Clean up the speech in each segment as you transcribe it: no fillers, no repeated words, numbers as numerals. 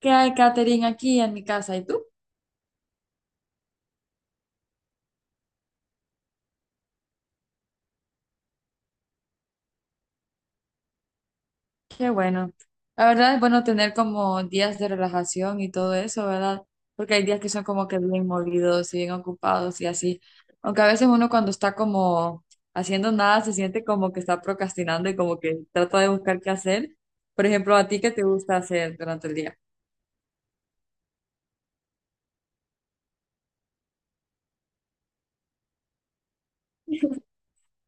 Que hay catering aquí en mi casa. ¿Y tú? Qué bueno. La verdad es bueno tener como días de relajación y todo eso, ¿verdad? Porque hay días que son como que bien movidos y bien ocupados y así. Aunque a veces uno cuando está como haciendo nada se siente como que está procrastinando y como que trata de buscar qué hacer. Por ejemplo, ¿a ti qué te gusta hacer durante el día?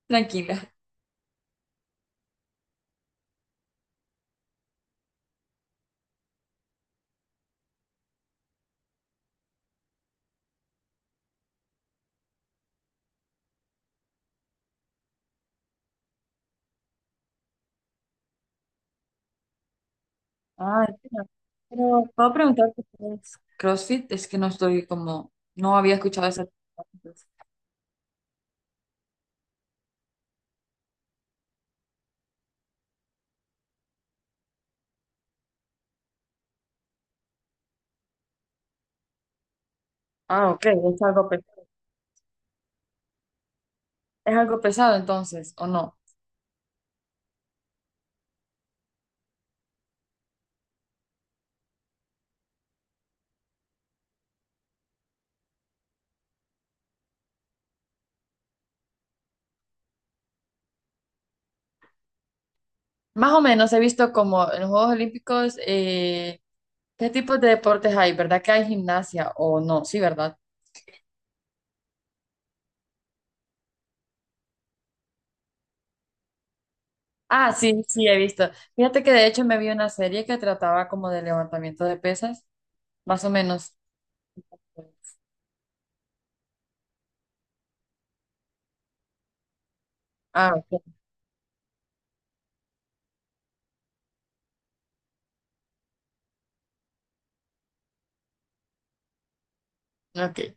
Tranquila. Ah, entiendo. Pero puedo preguntarte qué es CrossFit, es que no estoy como, no había escuchado esa. Ah, ok, es algo pequeño. Es algo pesado entonces, ¿o no? Más o menos he visto como en los Juegos Olímpicos, ¿qué tipos de deportes hay? ¿Verdad que hay gimnasia o no? Sí, ¿verdad? Ah, sí, sí, he visto. Fíjate que de hecho me vi una serie que trataba como de levantamiento de pesas, más o menos. Ah, ok. Ok.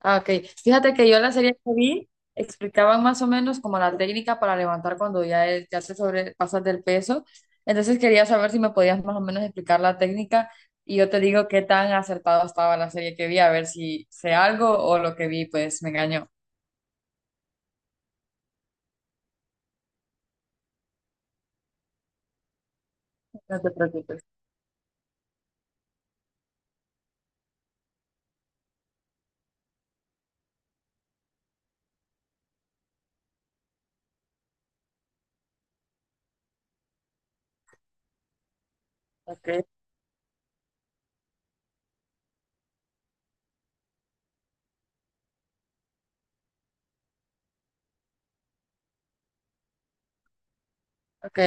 Ah, ok. Fíjate que yo la serie que vi explicaban más o menos como la técnica para levantar cuando ya, ya te sobrepasas del peso. Entonces quería saber si me podías más o menos explicar la técnica y yo te digo qué tan acertado estaba la serie que vi, a ver si sé algo o lo que vi pues me engañó. No te preocupes. Ok, ok,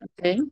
ok.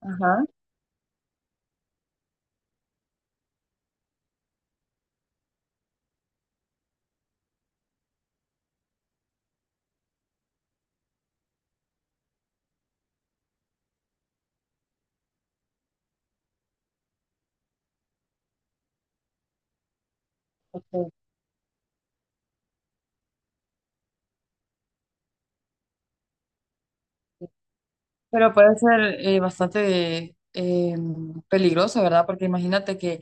Ajá. Ok. Pero puede ser bastante peligroso, ¿verdad? Porque imagínate que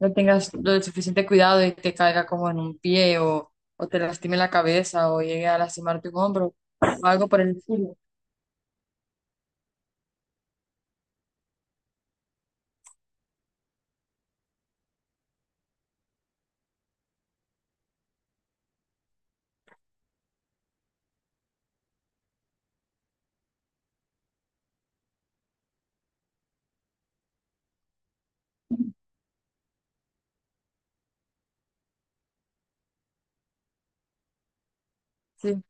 no tengas lo suficiente cuidado y te caiga como en un pie o te lastime la cabeza o llegue a lastimarte un hombro o algo por el estilo. Sí,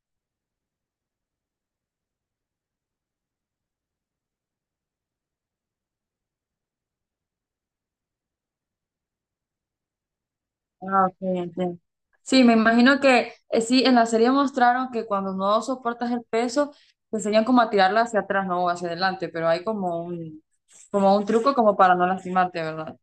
ah, ok, entiendo. Sí, me imagino que sí, en la serie mostraron que cuando no soportas el peso, te enseñan como a tirarla hacia atrás, no hacia adelante, pero hay como un truco como para no lastimarte, ¿verdad?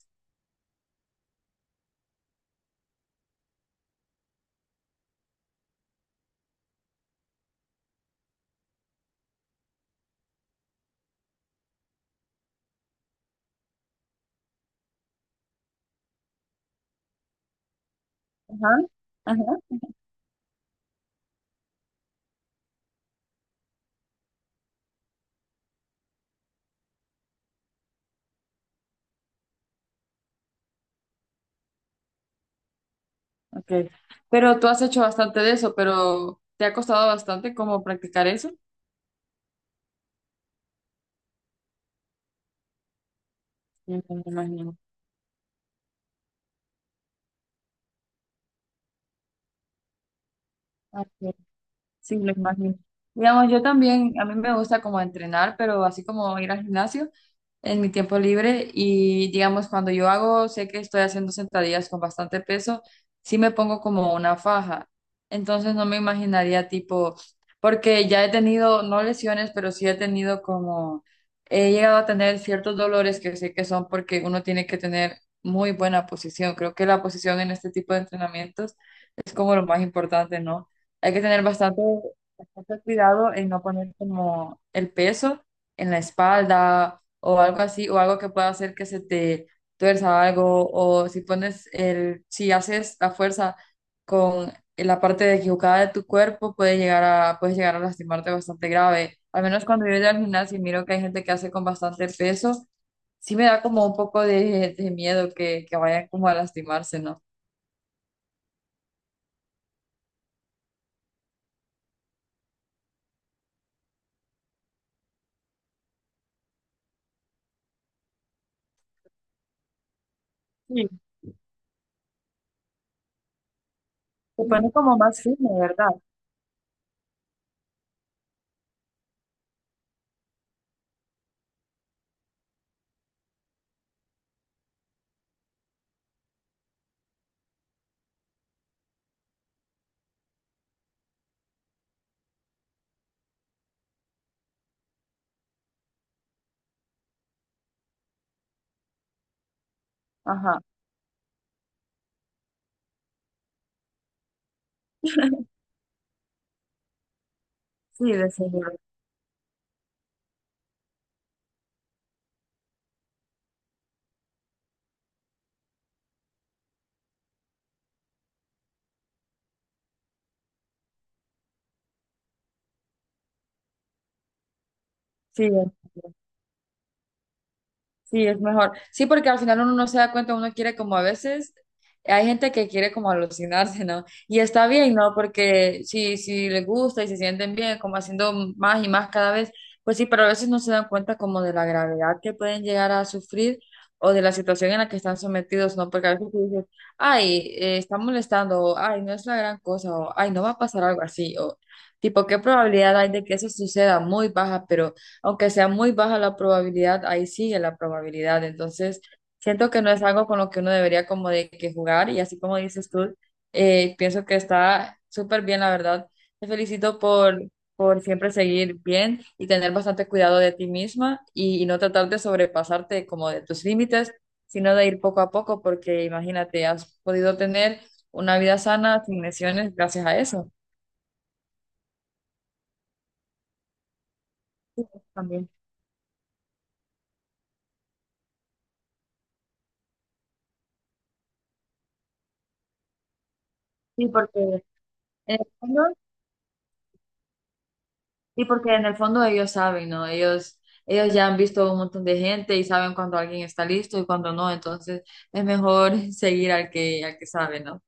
Ajá, ajá. Okay. Pero tú has hecho bastante de eso, pero ¿te ha costado bastante como practicar eso? Sí, me imagino. Sí, lo imagino. Digamos, yo también, a mí me gusta como entrenar, pero así como ir al gimnasio en mi tiempo libre y digamos, cuando yo hago, sé que estoy haciendo sentadillas con bastante peso, sí me pongo como una faja. Entonces no me imaginaría tipo, porque ya he tenido, no lesiones, pero sí he tenido como, he llegado a tener ciertos dolores que sé que son porque uno tiene que tener muy buena posición. Creo que la posición en este tipo de entrenamientos es como lo más importante, ¿no? Hay que tener bastante cuidado en no poner como el peso en la espalda o algo así, o algo que pueda hacer que se te tuerza algo, o si pones el, si haces la fuerza con la parte equivocada de tu cuerpo, puede llegar a, puedes llegar a lastimarte bastante grave. Al menos cuando yo voy al gimnasio y miro que hay gente que hace con bastante peso, sí me da como un poco de miedo que vayan como a lastimarse, ¿no? Se pone como más fino, ¿verdad? Ajá, sí, de señor. Sí, sí, es mejor. Sí, porque al final uno no se da cuenta, uno quiere como a veces, hay gente que quiere como alucinarse, ¿no? Y está bien, ¿no? Porque si, si les gusta y se sienten bien, como haciendo más y más cada vez, pues sí, pero a veces no se dan cuenta como de la gravedad que pueden llegar a sufrir o de la situación en la que están sometidos, ¿no? Porque a veces tú dices, ay, está molestando, o ay, no es la gran cosa, o ay, no va a pasar algo así, o tipo, ¿qué probabilidad hay de que eso suceda? Muy baja, pero aunque sea muy baja la probabilidad, ahí sigue la probabilidad. Entonces, siento que no es algo con lo que uno debería como de que jugar y así como dices tú, pienso que está súper bien, la verdad. Te felicito por siempre seguir bien y tener bastante cuidado de ti misma y no tratar de sobrepasarte como de tus límites, sino de ir poco a poco, porque imagínate, has podido tener una vida sana sin lesiones gracias a eso también. Sí, porque en el fondo Sí, porque en el fondo ellos saben, ¿no? Ellos ya han visto un montón de gente y saben cuando alguien está listo y cuando no, entonces es mejor seguir al que sabe, ¿no?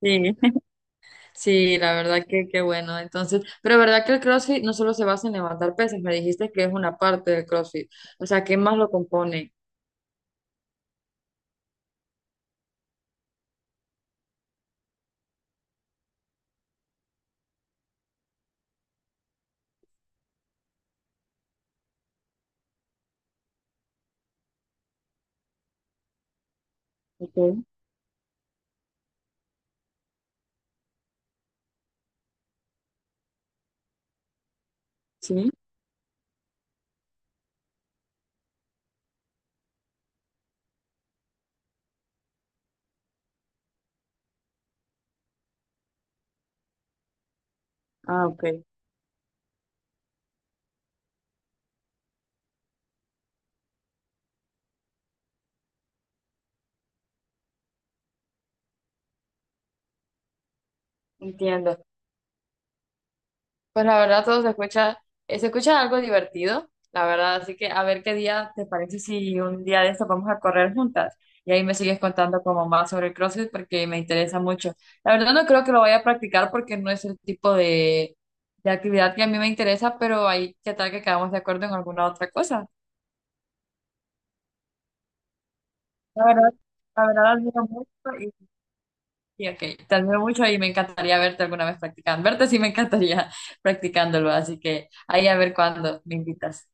Sí. Sí, la verdad que qué bueno. Entonces, pero verdad que el CrossFit no solo se basa en levantar pesas, me dijiste que es una parte del CrossFit. O sea, ¿qué más lo compone? Ok, sí. Ah, ok. Entiendo. Pues la verdad todo se escucha algo divertido, la verdad. Así que a ver qué día te parece si un día de estos vamos a correr juntas. Y ahí me sigues contando como más sobre el CrossFit porque me interesa mucho. La verdad no creo que lo vaya a practicar porque no es el tipo de actividad que a mí me interesa, pero ahí qué tal que quedamos de acuerdo en alguna otra cosa. La verdad, la verdad admiro mucho y, sí ok, te admiro mucho y me encantaría verte alguna vez practicando. Verte sí me encantaría practicándolo, así que ahí a ver cuándo me invitas.